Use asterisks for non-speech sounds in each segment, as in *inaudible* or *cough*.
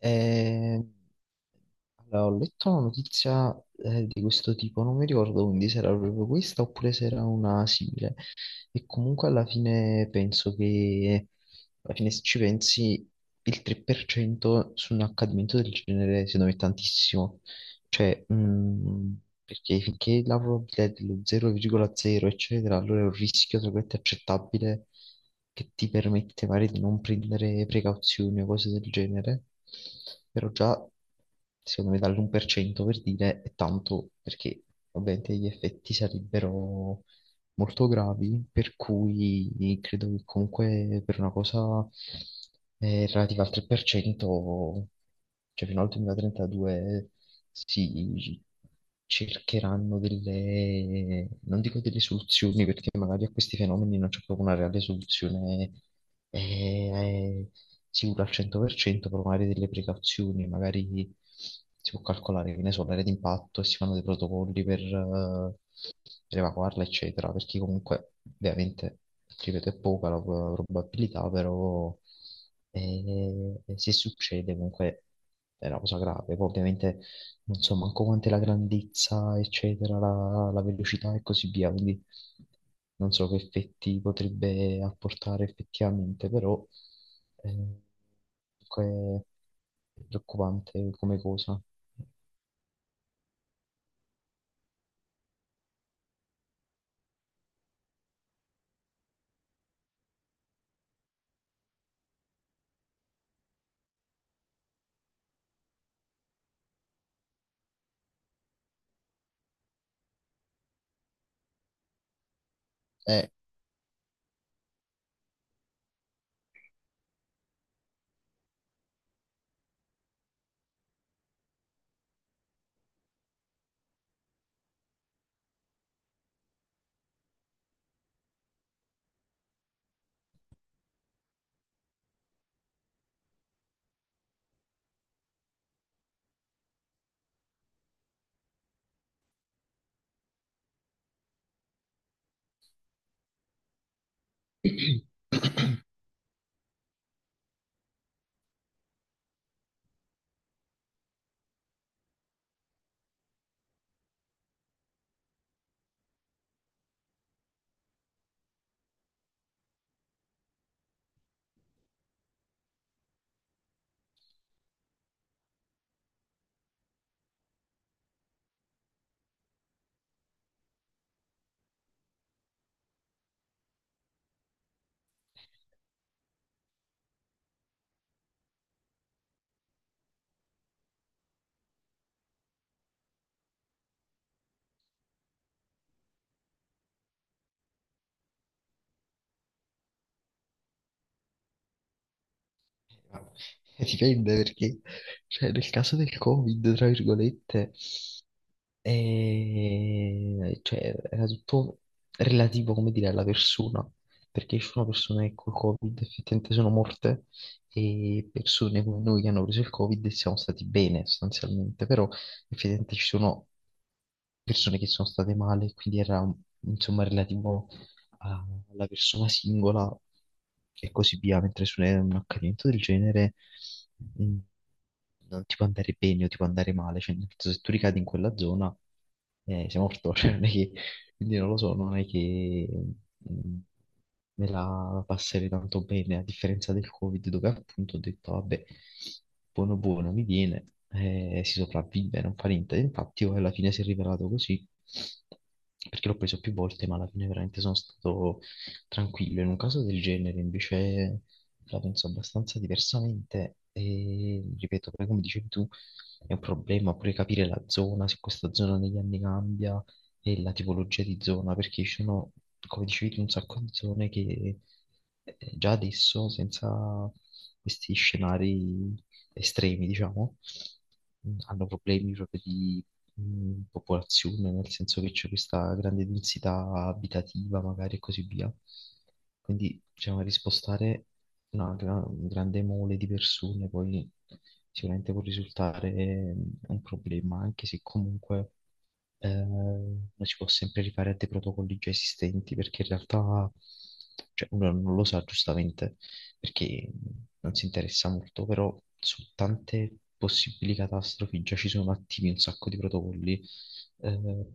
Eh, allora, ho letto una notizia di questo tipo, non mi ricordo quindi se era proprio questa oppure se era una simile. E comunque alla fine penso che, alla fine se ci pensi, il 3% su un accadimento del genere secondo me è tantissimo. Cioè, perché finché la probabilità è dello 0,0, eccetera, allora è un rischio, tra virgolette, accettabile che ti permette magari di non prendere precauzioni o cose del genere. Però già, secondo me, dall'1% per cento per dire è tanto perché ovviamente gli effetti sarebbero molto gravi, per cui credo che comunque per una cosa relativa al 3%, cioè fino al 2032 si cercheranno delle, non dico delle soluzioni, perché magari a questi fenomeni non c'è proprio una reale soluzione eh, sicura al 100%, però magari delle precauzioni, magari si può calcolare, che ne so, l'area d'impatto e si fanno dei protocolli per evacuarla, eccetera, perché comunque ovviamente, ripeto, è poca la probabilità, però se succede comunque è una cosa grave. Poi ovviamente non so manco quant'è la grandezza, eccetera, la velocità e così via, quindi non so che effetti potrebbe apportare effettivamente, però eh, comunque è preoccupante come cosa. Eh, Vabbè, *laughs* dipende perché, cioè, nel caso del Covid, tra virgolette. E, cioè, era tutto relativo, come dire, alla persona, perché ci sono persone che col Covid effettivamente sono morte e persone come noi che hanno preso il Covid e siamo stati bene sostanzialmente, però effettivamente ci sono persone che sono state male, quindi era insomma relativo a- alla persona singola e così via, mentre su un accadimento del genere mm, non ti può andare bene o ti può andare male, cioè nel senso, se tu ricadi in quella zona sei morto, *laughs* cioè non è che, quindi non lo so, non è che mm, me la passerei tanto bene, a differenza del Covid dove appunto ho detto vabbè, buono buono mi viene, si sopravvive, non fa niente, infatti io alla fine si è rivelato così. Perché l'ho preso più volte, ma alla fine veramente sono stato tranquillo. In un caso del genere, invece, la penso abbastanza diversamente e ripeto, poi come dicevi tu, è un problema pure capire la zona, se questa zona negli anni cambia e la tipologia di zona, perché ci sono, come dicevi tu, un sacco di zone che già adesso, senza questi scenari estremi, diciamo, hanno problemi proprio di popolazione, nel senso che c'è questa grande densità abitativa, magari e così via. Quindi, diciamo, rispostare un grande mole di persone poi sicuramente può risultare un problema, anche se comunque uno si può sempre rifare a dei protocolli già esistenti perché in realtà cioè, uno non lo sa giustamente perché non si interessa molto, però su tante possibili catastrofi già ci sono attivi un sacco di protocolli eh,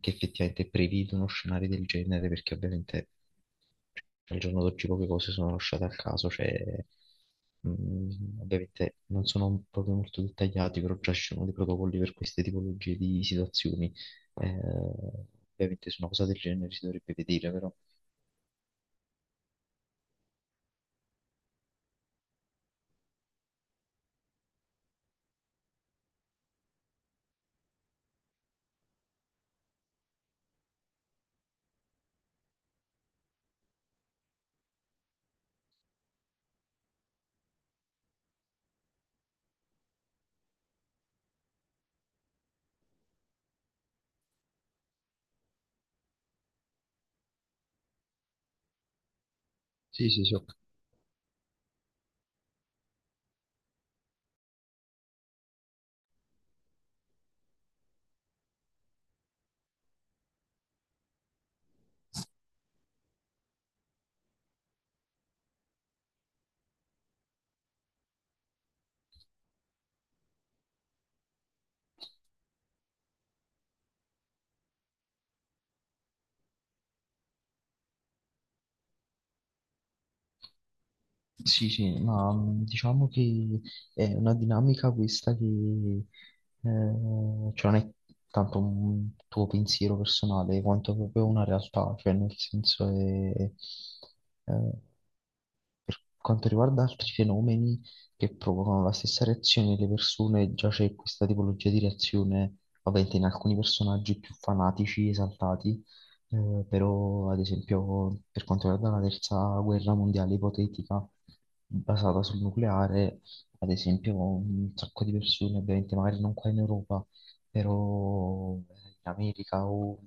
che effettivamente prevedono scenari del genere perché ovviamente al giorno d'oggi poche cose sono lasciate al caso, cioè, ovviamente non sono proprio molto dettagliati, però già ci sono dei protocolli per queste tipologie di situazioni. Eh, Ovviamente su una cosa del genere si dovrebbe vedere, però. Sì, sì, sì. Sì, sì, ma diciamo che è una dinamica questa che cioè non è tanto un tuo pensiero personale quanto proprio una realtà, cioè nel senso è, eh, per quanto riguarda altri fenomeni che provocano la stessa reazione nelle persone, già c'è questa tipologia di reazione, ovviamente in alcuni personaggi più fanatici, esaltati, però ad esempio per quanto riguarda la terza guerra mondiale ipotetica, basata sul nucleare, ad esempio un sacco di persone, ovviamente magari non qua in Europa, però in America o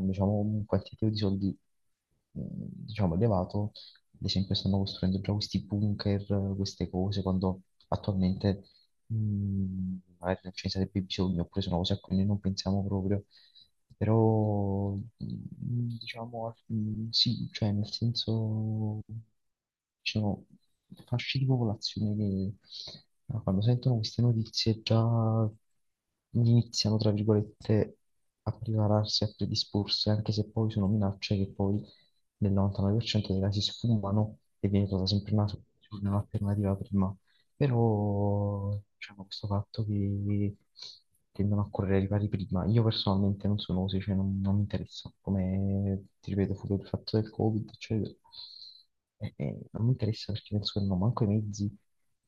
diciamo un quantitativo di soldi mm, diciamo elevato ad esempio stanno costruendo già questi bunker, queste cose, quando attualmente mh, magari non ce ne sarebbe bisogno, oppure sono cose a cui noi non pensiamo proprio. Però, diciamo, sì, cioè nel senso, ci sono fasce di popolazione che quando sentono queste notizie già iniziano, tra virgolette, a prepararsi, a predisporsi, anche se poi sono minacce che poi nel 99% dei casi sfumano e viene trovata sempre una soluzione, un'alternativa prima. Però, diciamo, questo fatto che tendono a correre ai ripari prima, io personalmente non sono così, cioè non, non mi interessa, come ti ripeto, fu il fatto del Covid, eccetera. E non mi interessa perché penso che non ho manco i mezzi,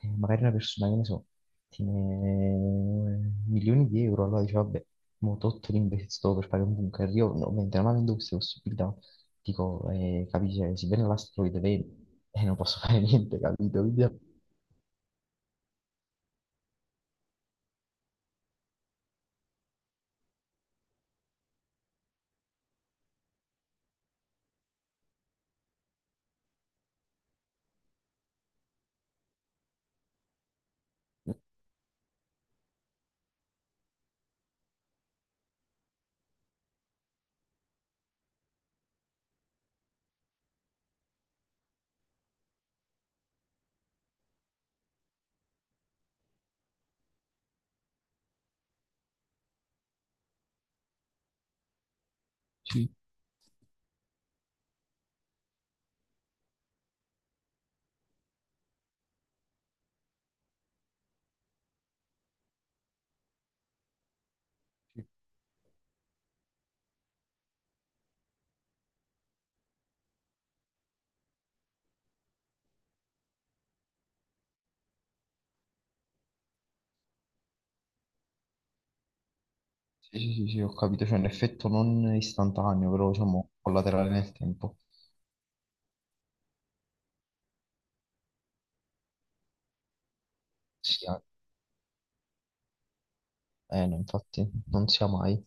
e magari una persona, che ne so, tiene milioni di euro, allora dice, vabbè, mo tolto l'investo per fare un bunker. Io no, ovviamente non avendo queste possibilità, dico, capisci, si viene l'asteroide, vedi, *laughs* e non posso fare niente, capito? Quindi, sì, sì. Sì, sì, sì, sì, ho capito, c'è un effetto non istantaneo, però diciamo collaterale nel tempo. Sì, no, infatti, non sia mai.